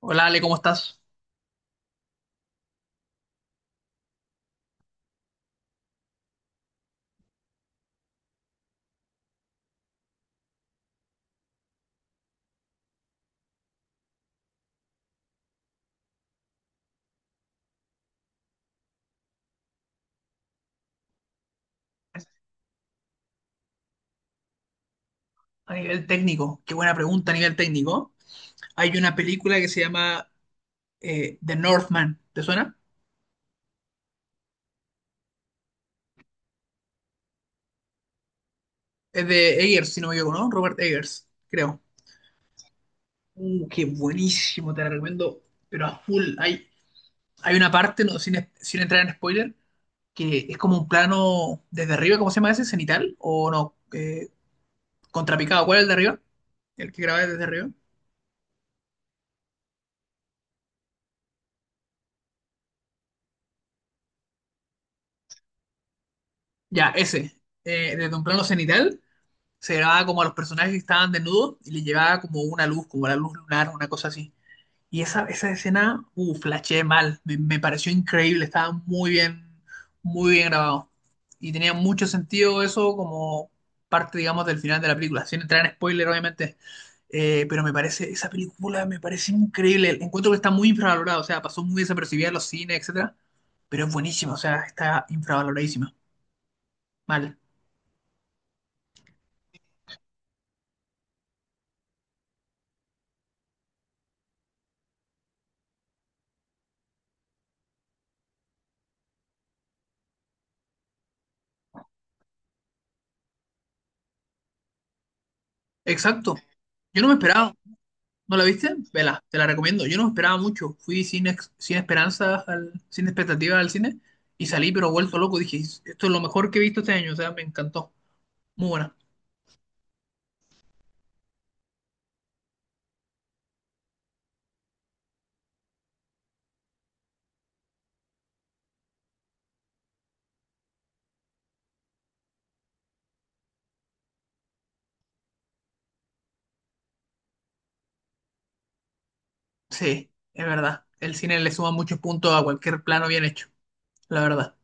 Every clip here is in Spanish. Hola Ale, ¿cómo estás? A nivel técnico, qué buena pregunta a nivel técnico. Hay una película que se llama The Northman, ¿te suena? Es de Eggers, si no me equivoco, ¿no? Robert Eggers, creo. Qué buenísimo, te la recomiendo, pero a full. Hay una parte, no, sin entrar en spoiler, que es como un plano desde arriba. ¿Cómo se llama ese? ¿Cenital? ¿O no? ¿Contrapicado? ¿Cuál es el de arriba? ¿El que grabé desde arriba? Ya, ese. Desde un plano cenital se grababa como a los personajes que estaban desnudos y le llevaba como una luz, como la luz lunar, una cosa así. Y esa escena, flasheé mal. Me pareció increíble. Estaba muy bien grabado. Y tenía mucho sentido eso como parte, digamos, del final de la película. Sin entrar en spoiler, obviamente. Pero me parece, esa película me parece increíble. Encuentro que está muy infravalorada. O sea, pasó muy desapercibida en los cines, etcétera. Pero es buenísima. O sea, está infravaloradísima. Mal. Exacto. Yo no me esperaba. ¿No la viste? Vela, te la recomiendo. Yo no esperaba mucho. Fui sin, sin esperanzas, sin expectativas al cine y salí pero vuelto loco. Dije, esto es lo mejor que he visto este año. O sea, me encantó. Muy buena. Sí, es verdad. El cine le suma muchos puntos a cualquier plano bien hecho. La verdad.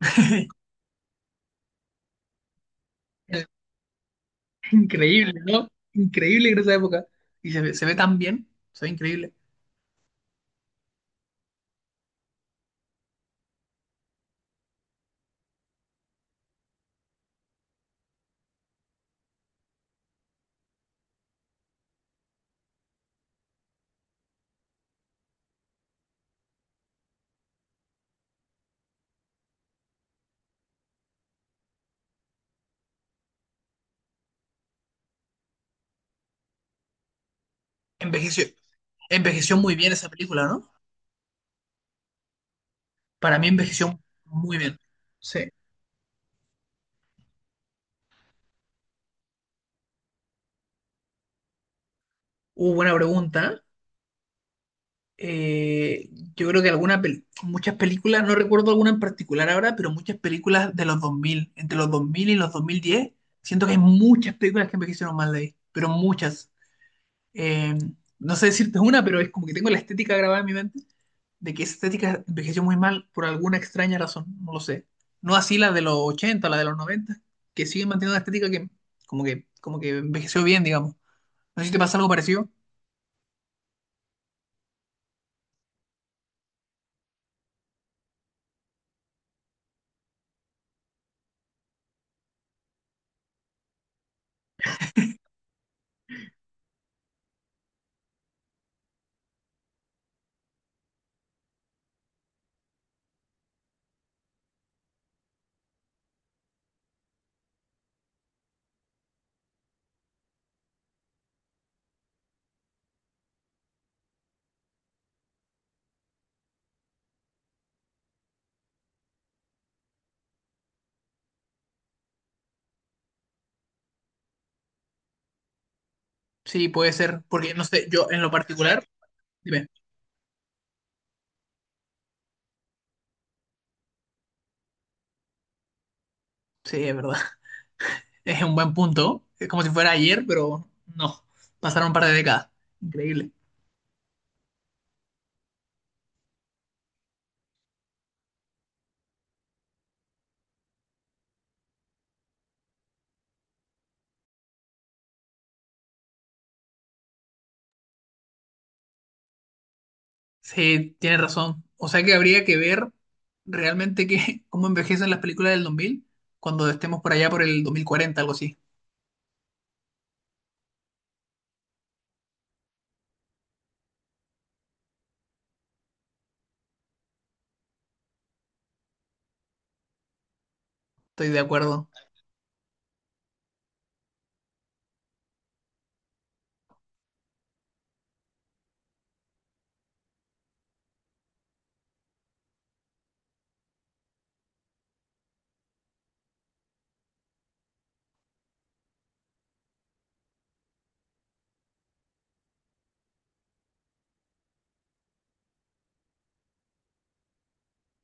Increíble, ¿no? Increíble en esa época. Y se ve tan bien. Se ve increíble. Envejeció, envejeció muy bien esa película, ¿no? Para mí envejeció muy bien. Sí. Buena pregunta. eh, yo creo que muchas películas, no recuerdo alguna en particular ahora, pero muchas películas de los dos mil, entre los 2000 y los dos mil diez, siento que hay muchas películas que envejecieron mal de ahí, pero muchas. Eh, no sé decirte una, pero es como que tengo la estética grabada en mi mente de que esa estética envejeció muy mal por alguna extraña razón, no lo sé. No así la de los ochenta, la de los noventa, que siguen manteniendo una estética que como que, como que envejeció bien, digamos. No sé si te pasa algo parecido. Sí, puede ser, porque no sé, yo en lo particular, dime, sí, es verdad, es un buen punto, es como si fuera ayer, pero no, pasaron un par de décadas, increíble. Sí, tienes razón. O sea que habría que ver realmente que, cómo envejecen las películas del 2000 cuando estemos por allá por el 2040, algo así. Estoy de acuerdo.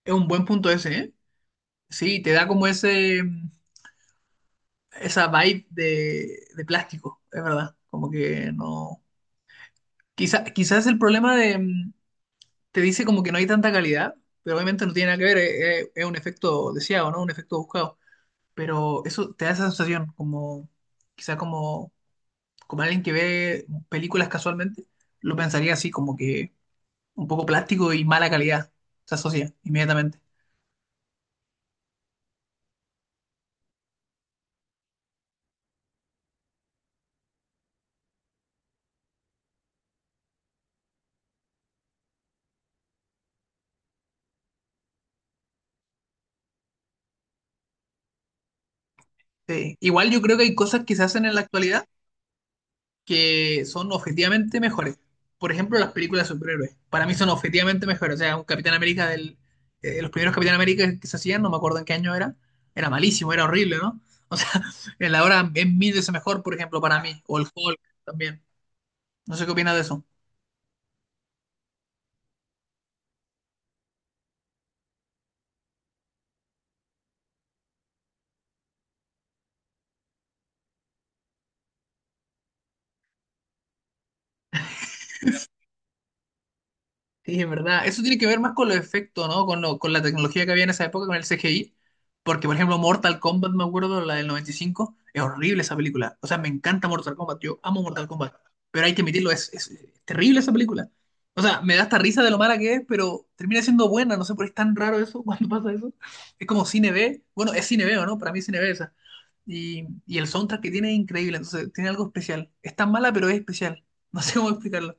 Es un buen punto ese, ¿eh? Sí, te da como ese, esa vibe de plástico, es verdad. Como que no... quizás el problema de... te dice como que no hay tanta calidad, pero obviamente no tiene nada que ver, es un efecto deseado, ¿no? Un efecto buscado. Pero eso te da esa sensación, como... Quizá como como alguien que ve películas casualmente, lo pensaría así, como que un poco plástico y mala calidad. Se asocia inmediatamente. Sí. Igual yo creo que hay cosas que se hacen en la actualidad que son objetivamente mejores. Por ejemplo, las películas de superhéroes. Para mí son objetivamente mejores. O sea, un Capitán América del... los primeros Capitán América que se hacían, no me acuerdo en qué año era. Era malísimo, era horrible, ¿no? O sea, en la hora es mil veces mejor, por ejemplo, para mí. O el Hulk también. No sé qué opinas de eso. Sí, es verdad. Eso tiene que ver más con los efectos, ¿no? Con, con la tecnología que había en esa época, con el CGI. Porque, por ejemplo, Mortal Kombat, me acuerdo, la del 95, es horrible esa película. O sea, me encanta Mortal Kombat, yo amo Mortal Kombat. Pero hay que admitirlo, es terrible esa película. O sea, me da hasta risa de lo mala que es, pero termina siendo buena. No sé por qué es tan raro eso, cuando pasa eso. Es como cine B. Bueno, es cine B, ¿o no? Para mí es cine B esa. Y el soundtrack que tiene es increíble, entonces tiene algo especial. Es tan mala, pero es especial. No sé cómo explicarlo.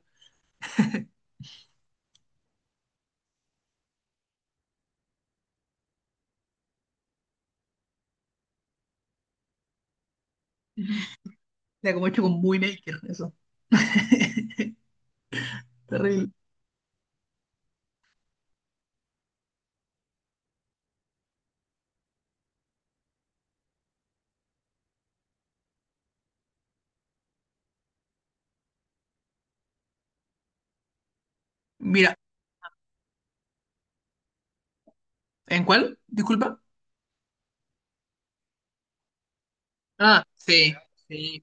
Ya, como hecho con muy Maker, eso. Terrible. Mira, ¿en cuál? Disculpa. Ah, sí, sí,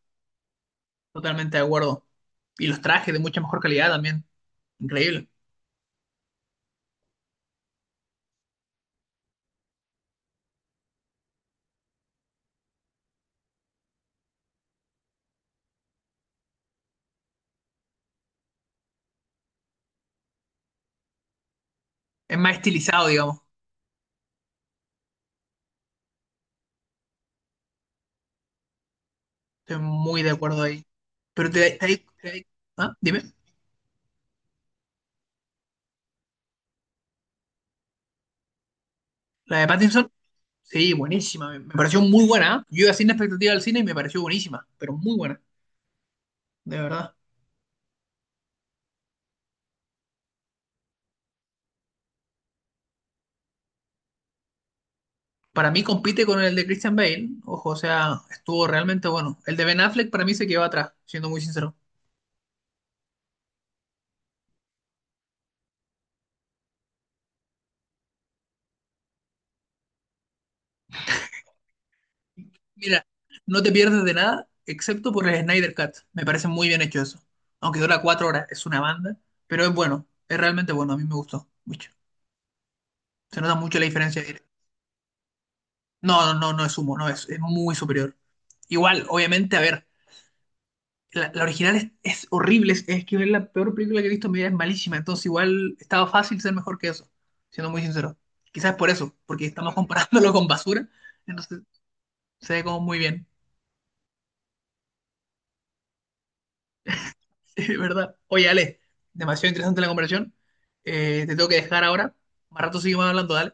totalmente de acuerdo. Y los trajes de mucha mejor calidad también. Increíble. Es más estilizado, digamos. Estoy muy de acuerdo ahí. Pero ¿ah? Dime. La de Pattinson, sí, buenísima. Me pareció muy buena, ¿eh? Yo iba sin expectativa al cine y me pareció buenísima, pero muy buena, de verdad. Para mí compite con el de Christian Bale. Ojo, o sea, estuvo realmente bueno. El de Ben Affleck para mí se quedó atrás, siendo muy sincero. Mira, no te pierdes de nada, excepto por el Snyder Cut. Me parece muy bien hecho eso. Aunque dura cuatro horas, es una banda, pero es bueno, es realmente bueno, a mí me gustó mucho. Se nota mucho la diferencia. De- No, no, no, no es humo, no, es muy superior. Igual, obviamente, a ver, la original es horrible, es que es la peor película que he visto en mi vida, es malísima, entonces igual estaba fácil ser mejor que eso, siendo muy sincero. Quizás por eso, porque estamos comparándolo con basura, entonces se ve como muy bien. Sí, ¿verdad? Oye, Ale, demasiado interesante la conversación. Te tengo que dejar ahora. Más rato seguimos hablando, dale.